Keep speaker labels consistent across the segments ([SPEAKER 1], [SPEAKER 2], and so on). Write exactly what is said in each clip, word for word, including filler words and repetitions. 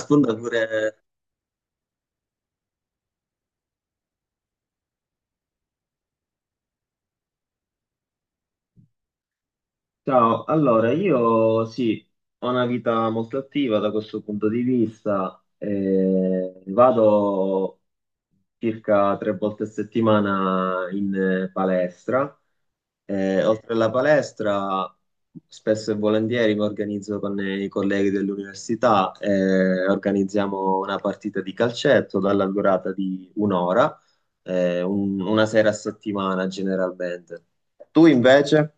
[SPEAKER 1] Sfondature. Ciao, allora io sì, ho una vita molto attiva da questo punto di vista, eh, vado circa tre volte a settimana in eh, palestra. Eh, oltre alla palestra spesso e volentieri mi organizzo con i colleghi dell'università, eh, organizziamo una partita di calcetto dalla durata di un'ora, eh, un- una sera a settimana generalmente. Tu invece?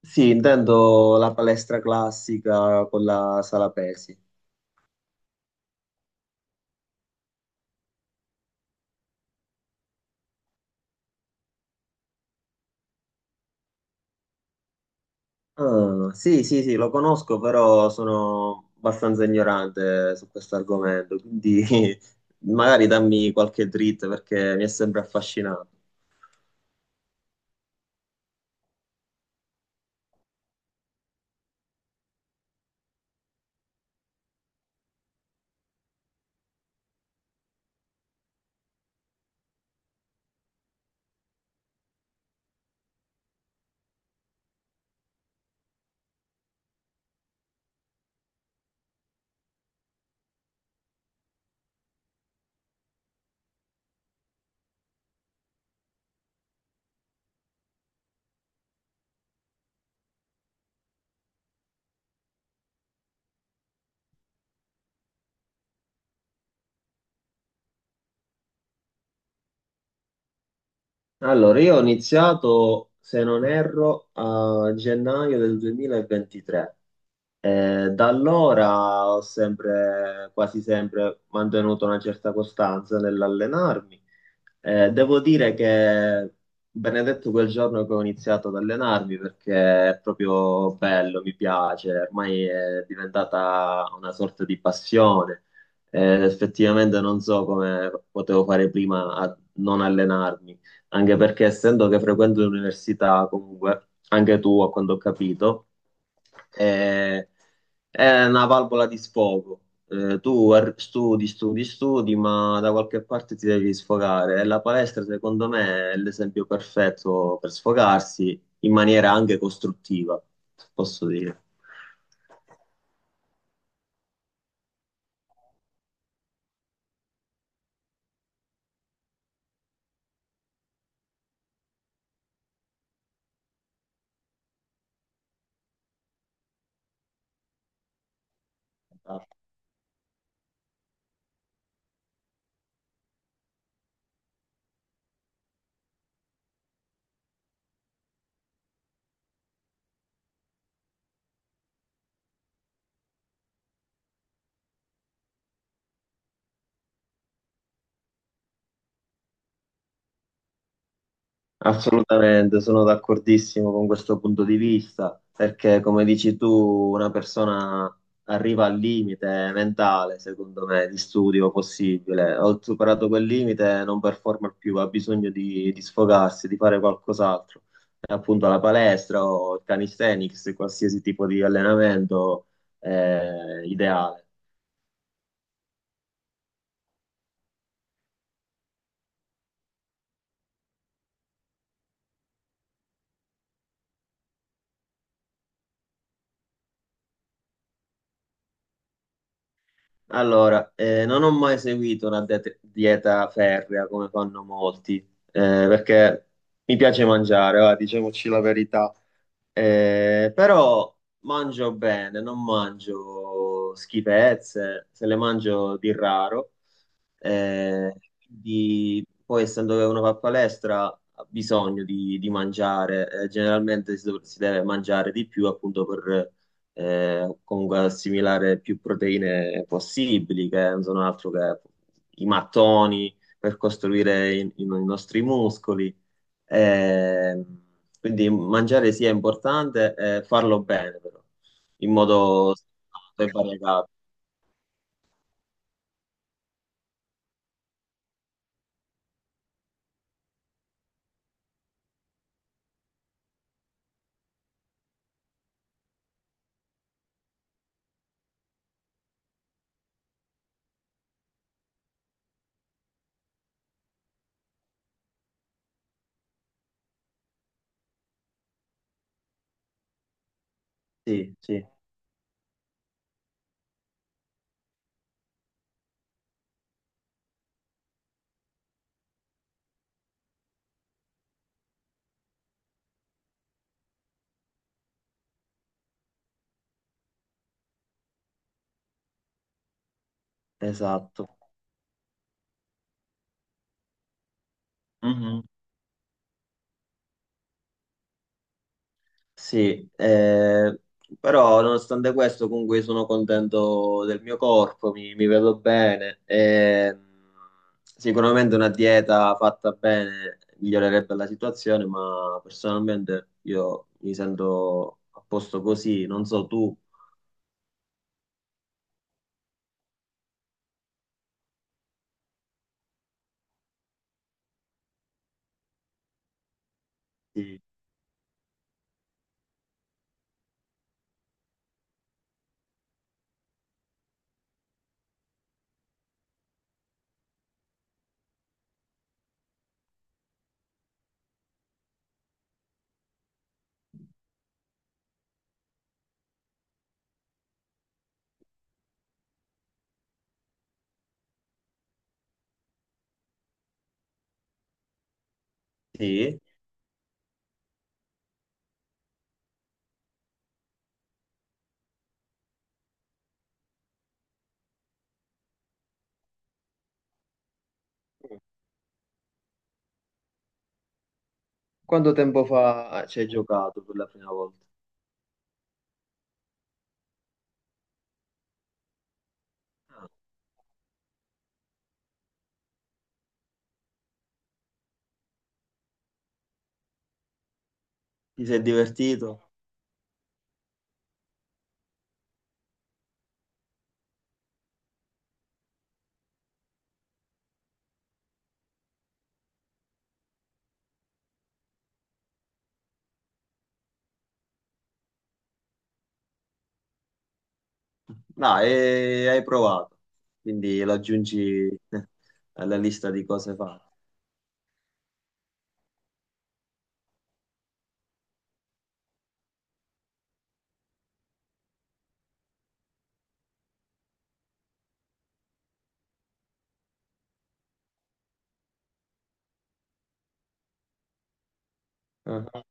[SPEAKER 1] Sì, intendo la palestra classica con la sala pesi. Ah, sì, sì, sì, lo conosco, però sono abbastanza ignorante su questo argomento, quindi magari dammi qualche dritta perché mi è sempre affascinato. Allora, io ho iniziato, se non erro, a gennaio del duemilaventitré. Eh, da allora ho sempre, quasi sempre mantenuto una certa costanza nell'allenarmi. Eh, devo dire che benedetto quel giorno che ho iniziato ad allenarmi perché è proprio bello, mi piace, ormai è diventata una sorta di passione. Eh, effettivamente non so come potevo fare prima a non allenarmi anche perché essendo che frequento l'università comunque, anche tu a quanto ho capito, è, è una valvola di sfogo. Eh, tu ar- studi, studi, studi, ma da qualche parte ti devi sfogare e la palestra secondo me è l'esempio perfetto per sfogarsi in maniera anche costruttiva, posso dire. Assolutamente, sono d'accordissimo con questo punto di vista, perché come dici tu, una persona arriva al limite mentale, secondo me, di studio possibile. Ho superato quel limite, non performa più, ha bisogno di, di sfogarsi, di fare qualcos'altro. E appunto la palestra o il calisthenics, qualsiasi tipo di allenamento è ideale. Allora, eh, non ho mai seguito una det- dieta ferrea come fanno molti, eh, perché mi piace mangiare, va, diciamoci la verità. Eh, però mangio bene, non mangio schifezze, se le mangio di raro. Eh, quindi, poi, essendo che uno fa palestra, ha bisogno di, di mangiare. Eh, generalmente si, dov- si deve mangiare di più, appunto, per eh, comunque assimilare più proteine possibili, che non sono altro che i mattoni per costruire i i nostri muscoli. Eh, quindi mangiare sì è importante, eh, farlo bene però, in modo sano e variegato. Sì, sì, esatto. Mhm. Sì, eh, però nonostante questo comunque sono contento del mio corpo, mi, mi vedo bene. E, sicuramente una dieta fatta bene migliorerebbe la situazione, ma personalmente io mi sento a posto così, non so tu. Sì. Sì. Quanto tempo fa ci hai giocato per la prima volta? Ti sei divertito? No, e hai provato, quindi lo aggiungi eh, alla lista di cose fatte. Ah,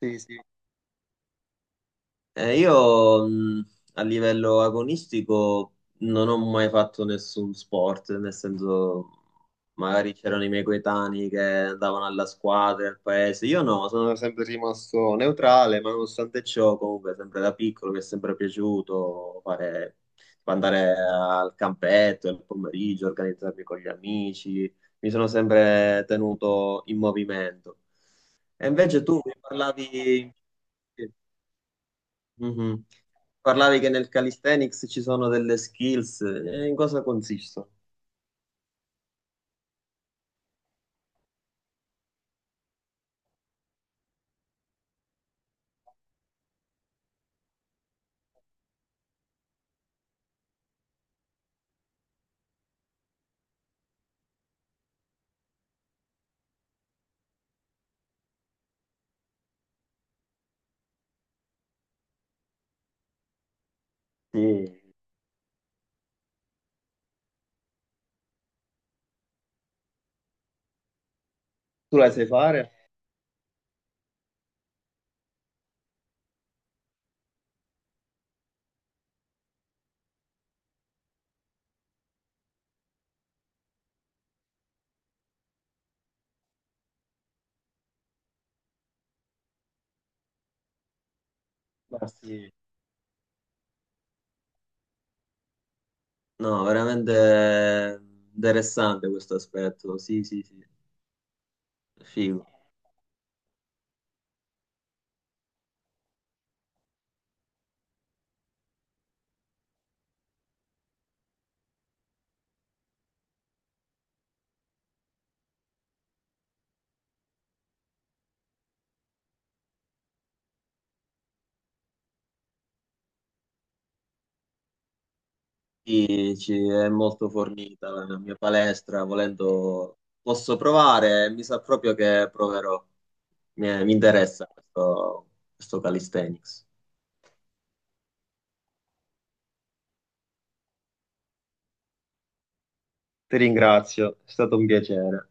[SPEAKER 1] sì, sì. Eh, io mh, a livello agonistico non ho mai fatto nessun sport, nel senso magari c'erano i miei coetanei che andavano alla squadra, al paese, io no, sono sempre rimasto neutrale, ma nonostante ciò comunque sempre da piccolo mi è sempre piaciuto fare, andare al campetto il pomeriggio, organizzarmi con gli amici, mi sono sempre tenuto in movimento. E invece tu mi parlavi... Mhm. Parlavi che nel calisthenics ci sono delle skills, e in cosa consistono? Sì. Tu le sai fare? Ma sì. No, veramente eh, interessante questo aspetto. Sì, sì, sì, figo. Sì, ci è molto fornita la mia palestra, volendo posso provare, mi sa proprio che proverò. Mi, mi interessa questo, questo calisthenics. Ti ringrazio, è stato un piacere.